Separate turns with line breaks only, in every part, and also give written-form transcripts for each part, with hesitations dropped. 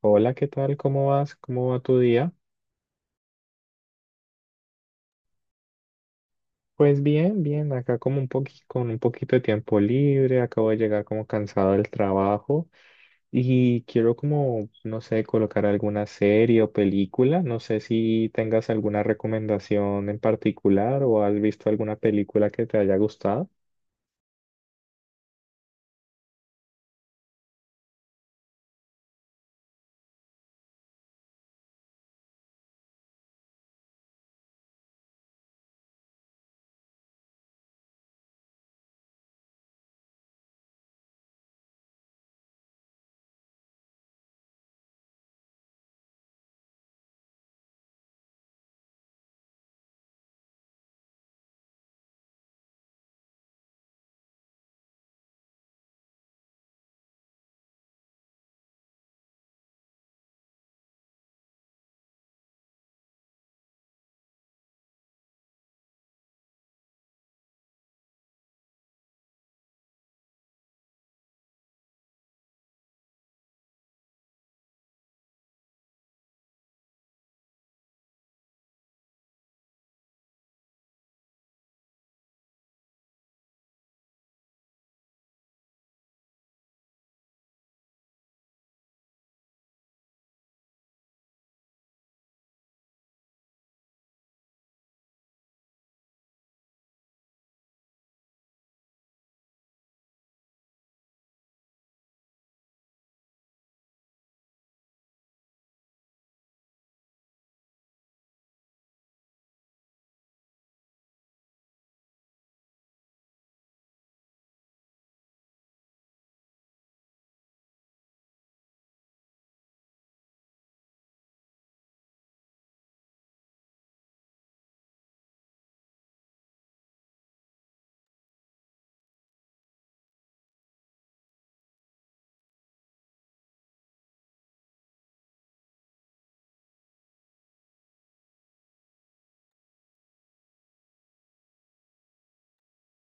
Hola, ¿qué tal? ¿Cómo vas? ¿Cómo va tu día? Pues bien, bien, acá como con un poquito de tiempo libre, acabo de llegar como cansado del trabajo y quiero como, no sé, colocar alguna serie o película, no sé si tengas alguna recomendación en particular o has visto alguna película que te haya gustado.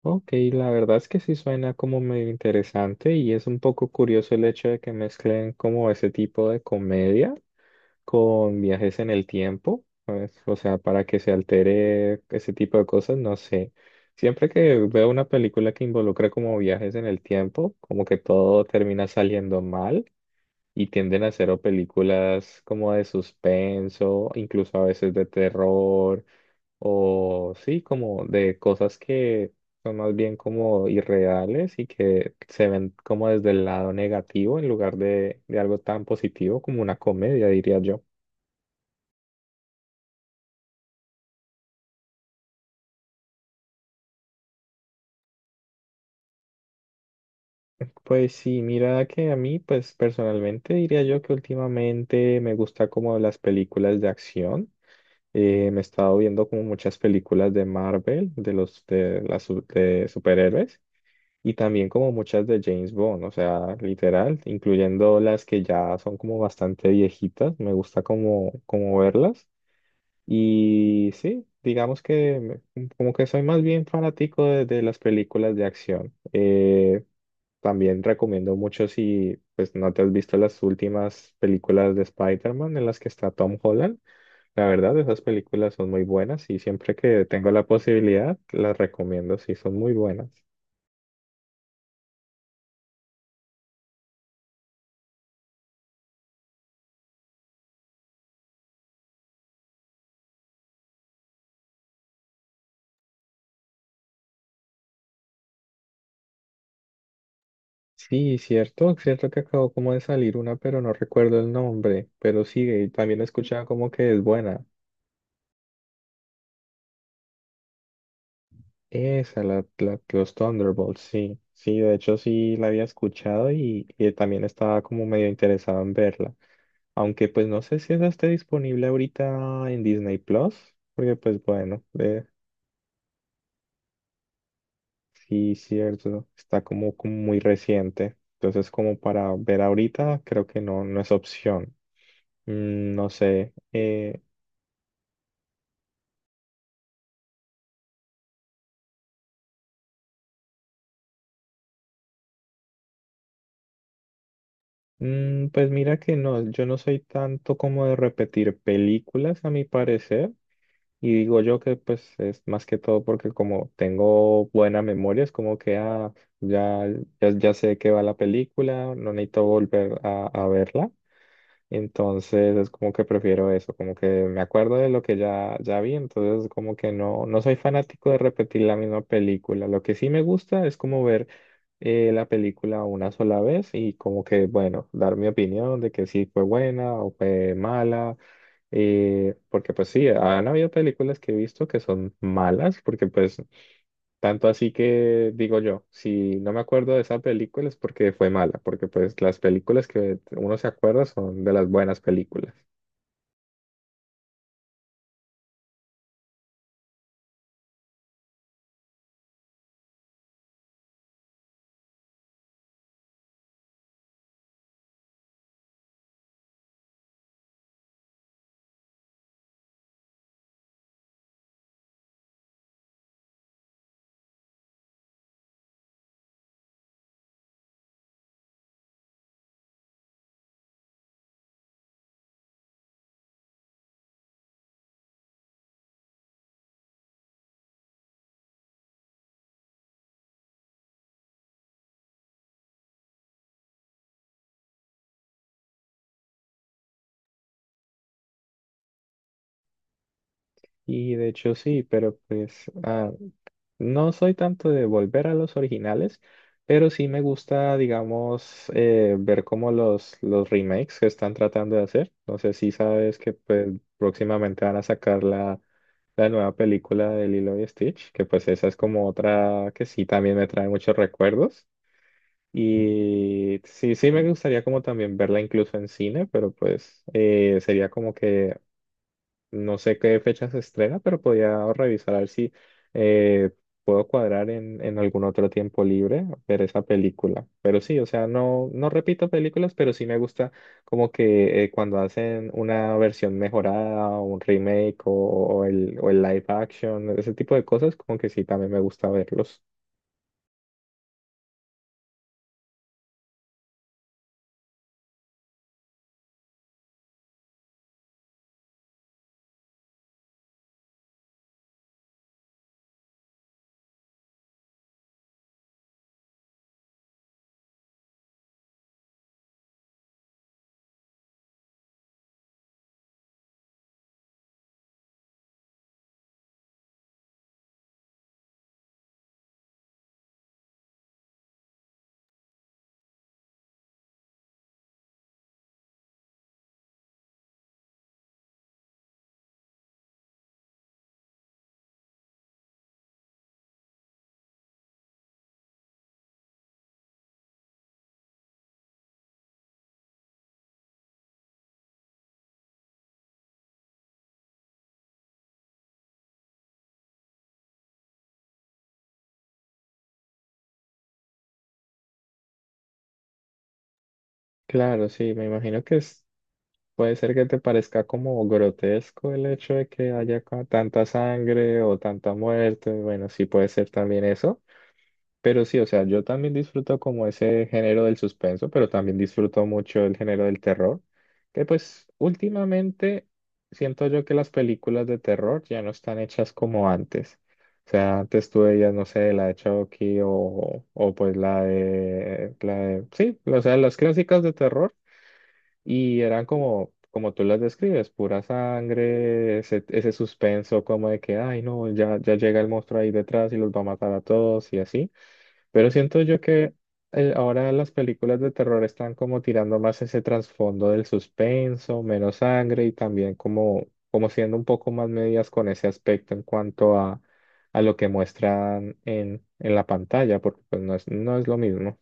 Ok, la verdad es que sí suena como medio interesante y es un poco curioso el hecho de que mezclen como ese tipo de comedia con viajes en el tiempo, ¿sabes? O sea, para que se altere ese tipo de cosas, no sé. Siempre que veo una película que involucra como viajes en el tiempo, como que todo termina saliendo mal y tienden a hacer o películas como de suspenso, incluso a veces de terror, o sí, como de cosas que son más bien como irreales y que se ven como desde el lado negativo en lugar de algo tan positivo como una comedia, diría yo. Pues sí, mira que a mí, pues personalmente diría yo que últimamente me gusta como las películas de acción. Me he estado viendo como muchas películas de Marvel, de los de superhéroes y también como muchas de James Bond, o sea, literal, incluyendo las que ya son como bastante viejitas. Me gusta como verlas y sí, digamos que como que soy más bien fanático de las películas de acción. También recomiendo mucho si pues no te has visto las últimas películas de Spider-Man en las que está Tom Holland. La verdad, esas películas son muy buenas y siempre que tengo la posibilidad, las recomiendo, sí, son muy buenas. Sí, cierto, cierto que acabó como de salir una, pero no recuerdo el nombre, pero sí, y también escuchaba como que es buena. Esa, la, los Thunderbolts, sí, sí, de hecho sí la había escuchado y también estaba como medio interesado en verla. Aunque pues no sé si esa esté disponible ahorita en Disney Plus, porque pues bueno, sí, cierto, está como, como muy reciente. Entonces como para ver ahorita creo que no, no es opción. Mm, no sé. Pues mira que no, yo no soy tanto como de repetir películas a mi parecer. Y digo yo que pues es más que todo porque como tengo buena memoria, es como que ah, ya, ya, ya sé que va la película, no necesito volver a verla. Entonces es como que prefiero eso, como que me acuerdo de lo que ya, ya vi, entonces como que no, no soy fanático de repetir la misma película. Lo que sí me gusta es como ver la película una sola vez y como que, bueno, dar mi opinión de que sí fue buena o fue mala, porque pues sí, han habido películas que he visto que son malas, porque pues tanto así que digo yo, si no me acuerdo de esa película es porque fue mala, porque pues las películas que uno se acuerda son de las buenas películas. Y de hecho sí, pero pues no soy tanto de volver a los originales, pero sí me gusta, digamos, ver como los remakes que están tratando de hacer. No sé si sabes que pues, próximamente van a sacar la, la nueva película de Lilo y Stitch, que pues esa es como otra que sí también me trae muchos recuerdos. Y sí, sí me gustaría como también verla incluso en cine, pero pues sería como que no sé qué fecha se estrena, pero podía revisar a ver si eh, puedo cuadrar en algún otro tiempo libre ver esa película. Pero sí, o sea, no, no repito películas, pero sí me gusta como que cuando hacen una versión mejorada o un remake o el live action, ese tipo de cosas, como que sí, también me gusta verlos. Claro, sí, me imagino que puede ser que te parezca como grotesco el hecho de que haya tanta sangre o tanta muerte. Bueno, sí puede ser también eso. Pero sí, o sea, yo también disfruto como ese género del suspenso, pero también disfruto mucho el género del terror, que pues últimamente siento yo que las películas de terror ya no están hechas como antes. O sea, antes tú veías, no sé, la de Chucky o pues la de, sí, o sea, las clásicas de terror. Y eran como, como tú las describes, pura sangre, ese suspenso como de que, ay, no, ya, ya llega el monstruo ahí detrás y los va a matar a todos y así. Pero siento yo que ahora las películas de terror están como tirando más ese trasfondo del suspenso, menos sangre y también como, como siendo un poco más medias con ese aspecto en cuanto a lo que muestran en la pantalla, porque pues no es, no es lo mismo.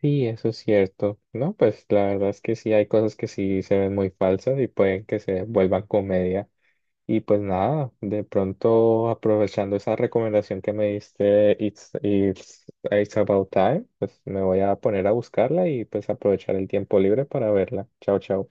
Sí, eso es cierto. No, pues la verdad es que sí hay cosas que sí se ven muy falsas y pueden que se vuelvan comedia. Y pues nada, de pronto aprovechando esa recomendación que me diste, It's About Time, pues me voy a poner a buscarla y pues aprovechar el tiempo libre para verla. Chao, chao.